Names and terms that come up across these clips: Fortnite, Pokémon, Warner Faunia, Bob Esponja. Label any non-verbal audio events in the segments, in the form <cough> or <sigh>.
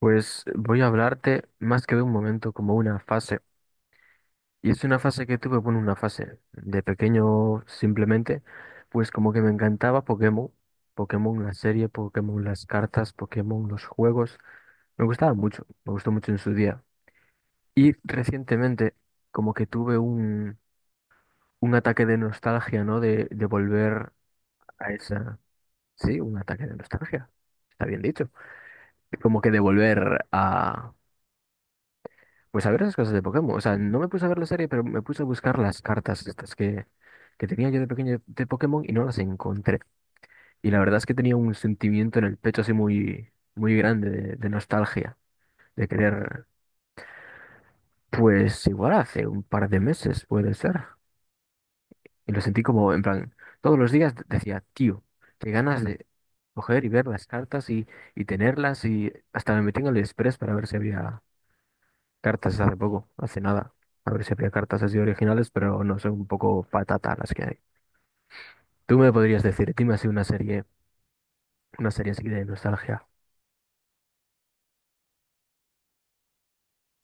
Pues voy a hablarte más que de un momento, como una fase. Y es una fase que tuve, bueno, una fase de pequeño simplemente, pues como que me encantaba Pokémon, Pokémon la serie, Pokémon las cartas, Pokémon los juegos. Me gustaba mucho, me gustó mucho en su día. Y recientemente como que tuve un ataque de nostalgia, ¿no? De volver a esa... Sí, un ataque de nostalgia. Está bien dicho. Como que de volver a pues a ver esas cosas de Pokémon. O sea, no me puse a ver la serie, pero me puse a buscar las cartas estas que tenía yo de pequeño de Pokémon y no las encontré. Y la verdad es que tenía un sentimiento en el pecho así muy, muy grande de nostalgia, de querer, pues igual hace un par de meses puede ser. Y lo sentí como, en plan, todos los días decía, tío, qué ganas de coger y ver las cartas y tenerlas y hasta me metí en el Express para ver si había cartas hace poco, hace nada. A ver si había cartas así originales, pero no son un poco patata las que hay. Tú me podrías decir, dime así una serie así de nostalgia.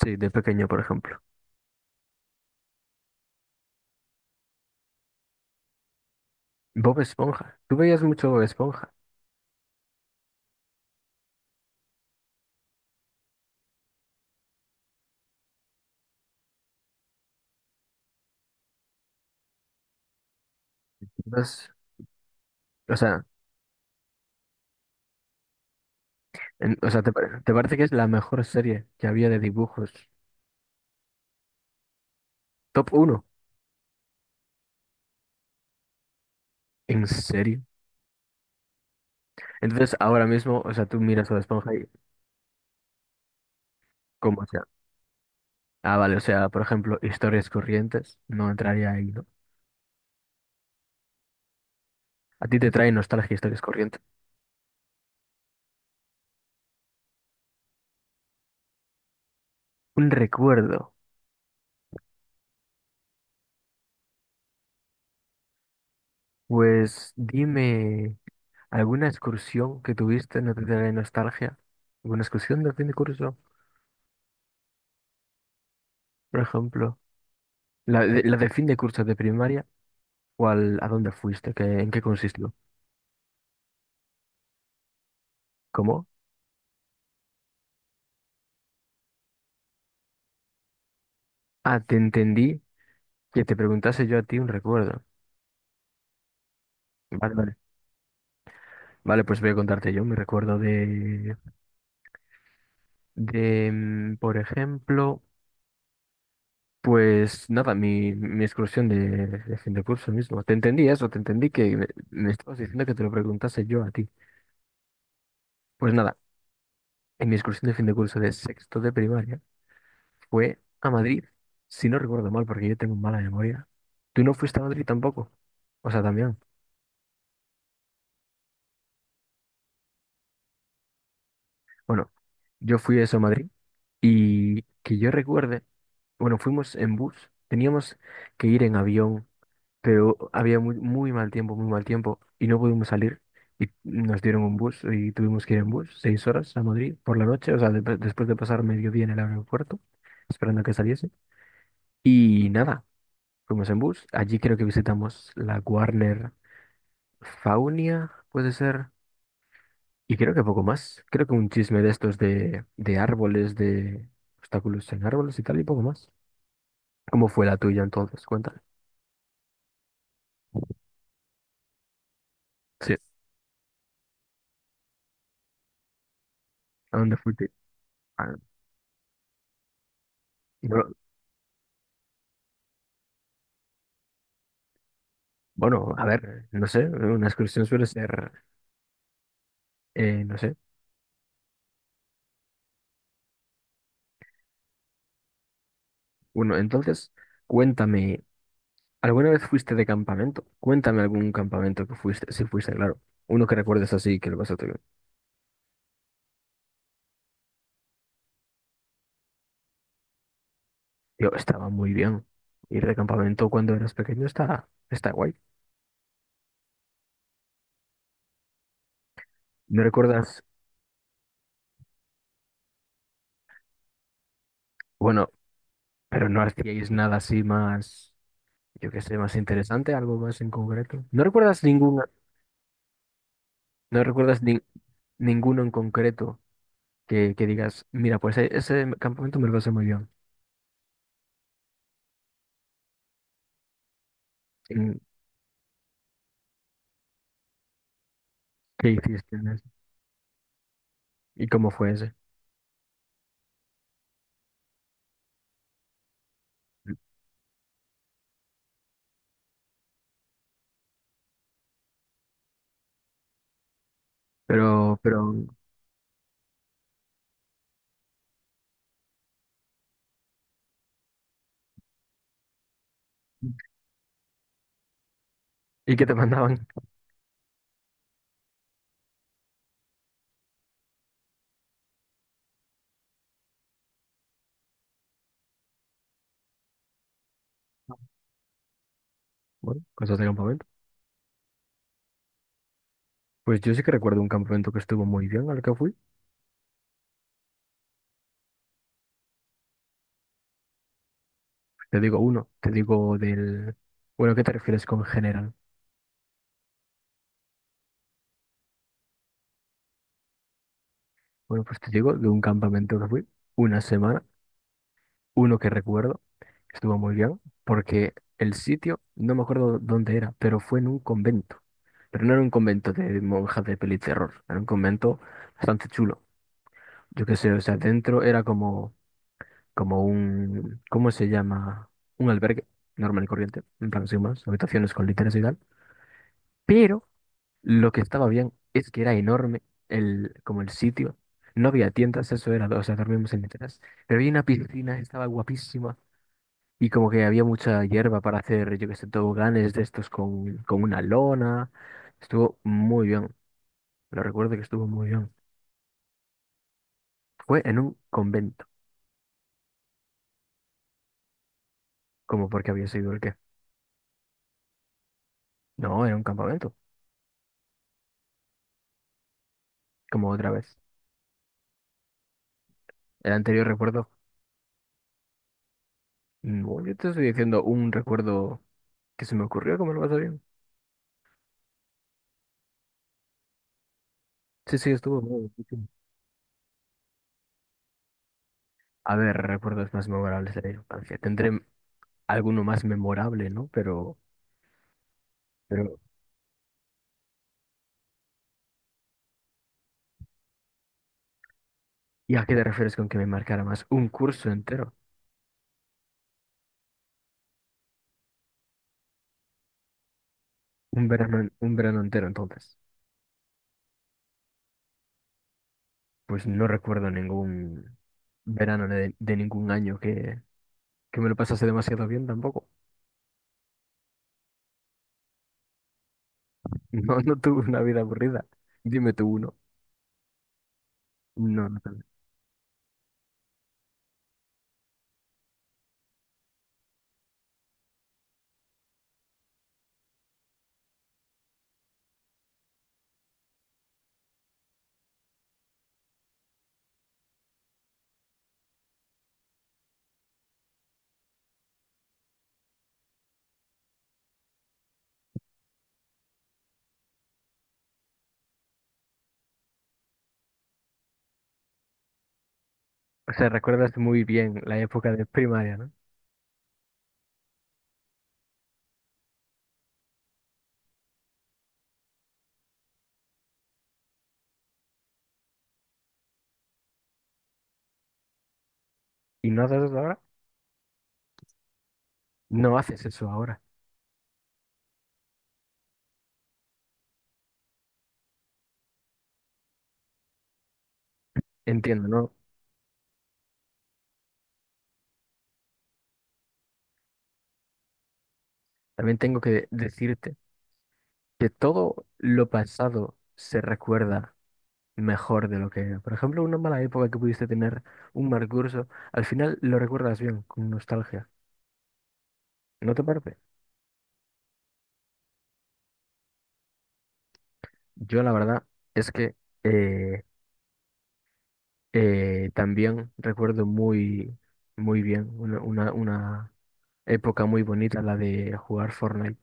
Sí, de pequeño, por ejemplo. Bob Esponja. Tú veías mucho Bob Esponja. Entonces, o sea, ¿te parece que es la mejor serie que había de dibujos? Top uno, ¿en serio? Entonces, ahora mismo, o sea, tú miras Bob Esponja y ¿cómo sea? Ah, vale, o sea, por ejemplo, historias corrientes. No entraría ahí, ¿no? A ti te trae nostalgia historias corrientes. Un recuerdo. Pues dime, ¿alguna excursión que tuviste no te trae nostalgia? ¿Alguna excursión de fin de curso, por ejemplo? La de fin de curso de primaria? ¿O a dónde fuiste? ¿En qué consistió? ¿Cómo? Ah, te entendí que te preguntase yo a ti un recuerdo. Vale, vale. Vale, pues voy a contarte yo mi recuerdo por ejemplo, pues nada, mi excursión de fin de curso mismo. Te entendí eso, te entendí que me estabas diciendo que te lo preguntase yo a ti. Pues nada. En mi excursión de fin de curso de sexto de primaria fue a Madrid, si no recuerdo mal, porque yo tengo mala memoria. ¿Tú no fuiste a Madrid tampoco? O sea, también. Bueno, yo fui eso a Madrid y que yo recuerde, bueno, fuimos en bus, teníamos que ir en avión, pero había muy, muy mal tiempo y no pudimos salir. Y nos dieron un bus y tuvimos que ir en bus 6 horas a Madrid por la noche, o sea, después de pasar mediodía en el aeropuerto, esperando a que saliese. Y nada. Fuimos en bus. Allí creo que visitamos la Warner Faunia, puede ser. Y creo que poco más. Creo que un chisme de estos de árboles, de obstáculos en árboles y tal, y poco más. ¿Cómo fue la tuya entonces? Cuéntame. Sí. ¿A dónde fuiste? Ah, no, bueno, a ver, no sé. Una excursión suele ser, no sé. Bueno, entonces, cuéntame. ¿Alguna vez fuiste de campamento? Cuéntame algún campamento que fuiste, si fuiste, claro. Uno que recuerdes así, que lo vas a yo estaba muy bien. Ir de campamento cuando eras pequeño está, está guay. ¿No recuerdas? Bueno, pero no hacíais nada así más, yo qué sé, más interesante, algo más en concreto. ¿No recuerdas ninguna, no recuerdas ninguno en concreto que digas, mira, pues ese campamento me lo pasé muy bien? ¿En- ¿qué hiciste en ese? ¿Y cómo fue ese? Pero, ¿y qué te <laughs> mandaban? Bueno, cosas de campamento. Pues yo sí que recuerdo un campamento que estuvo muy bien al que fui. Te digo uno, te digo del... Bueno, ¿qué te refieres con general? Bueno, pues te digo de un campamento que fui, una semana, uno que recuerdo, estuvo muy bien, porque el sitio, no me acuerdo dónde era, pero fue en un convento. Pero no era un convento de monjas de peli terror, era un convento bastante chulo. Yo qué sé, o sea, dentro era como, como un, ¿cómo se llama? Un albergue normal y corriente, en plan sin más, habitaciones con literas y tal. Pero lo que estaba bien es que era enorme el, como el sitio. No había tiendas, eso era, o sea, dormimos en literas. Pero había una piscina, estaba guapísima. Y como que había mucha hierba para hacer, yo que sé, toboganes de estos con una lona. Estuvo muy bien. Lo recuerdo que estuvo muy bien. Fue en un convento. ¿Como porque había sido el qué? No, era un campamento. Como otra vez. El anterior recuerdo. No, yo te estoy diciendo un recuerdo que se me ocurrió, ¿cómo lo vas a bien? Sí, sí, estuvo muy bien. A ver, recuerdos más memorables de la infancia. Tendré alguno más memorable, ¿no? Pero, ¿y a qué te refieres con que me marcara más? Un curso entero, un verano, un verano entero, entonces. Pues no recuerdo ningún verano de ningún año que me lo pasase demasiado bien tampoco. <laughs> No, no tuve una vida aburrida. Dime tú uno. No, no tengo. O sea, recuerdas muy bien la época de primaria, ¿no? ¿Y no haces eso ahora? No haces eso ahora. Entiendo, ¿no? También tengo que decirte que todo lo pasado se recuerda mejor de lo que era. Por ejemplo, una mala época que pudiste tener, un mal curso, al final lo recuerdas bien, con nostalgia. ¿No te parece? Yo la verdad es que eh, también recuerdo muy, muy bien una época muy bonita, la de jugar Fortnite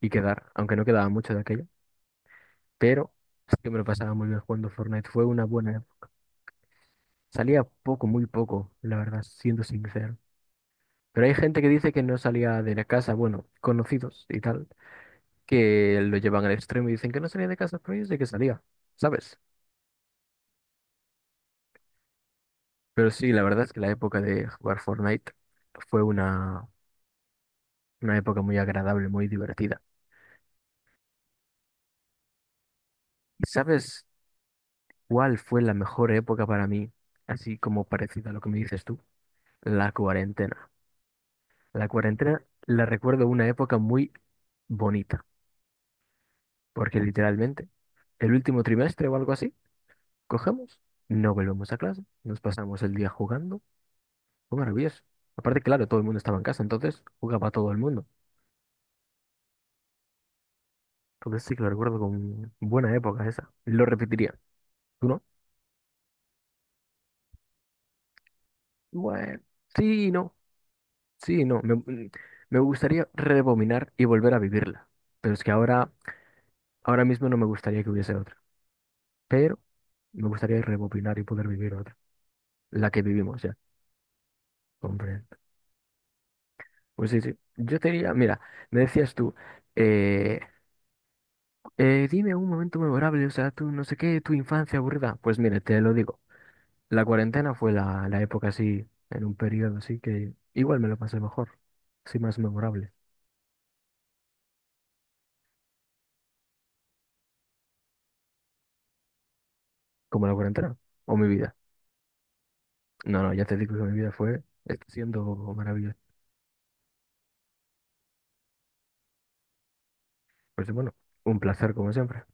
y quedar, aunque no quedaba mucho de aquello, pero sí que me lo pasaba muy bien jugando Fortnite. Fue una buena época. Salía poco, muy poco, la verdad, siendo sincero. Pero hay gente que dice que no salía de la casa, bueno, conocidos y tal, que lo llevan al extremo y dicen que no salía de casa, pero yo sé que salía, ¿sabes? Pero sí, la verdad es que la época de jugar Fortnite fue una época muy agradable, muy divertida. ¿Y sabes cuál fue la mejor época para mí? Así como parecida a lo que me dices tú, la cuarentena. La cuarentena la recuerdo una época muy bonita, porque literalmente el último trimestre o algo así cogemos, no volvemos a clase, nos pasamos el día jugando. Fue maravilloso. Aparte, claro, todo el mundo estaba en casa, entonces jugaba todo el mundo. Entonces sí que lo recuerdo con buena época esa. Lo repetiría. ¿Tú no? Bueno, sí, y no, sí, y no. Me gustaría rebobinar y volver a vivirla. Pero es que ahora, ahora mismo no me gustaría que hubiese otra. Pero me gustaría rebobinar y poder vivir otra. La que vivimos ya. Hombre. Pues sí, sí. Yo te diría, mira, me decías tú, eh, dime un momento memorable, o sea, tú no sé qué, tu infancia aburrida. Pues mire, te lo digo. La cuarentena fue la época así, en un periodo así que igual me lo pasé mejor, así más memorable, como la cuarentena o mi vida. No, no, ya te digo que mi vida fue, está siendo maravillosa. Pues bueno, un placer como siempre.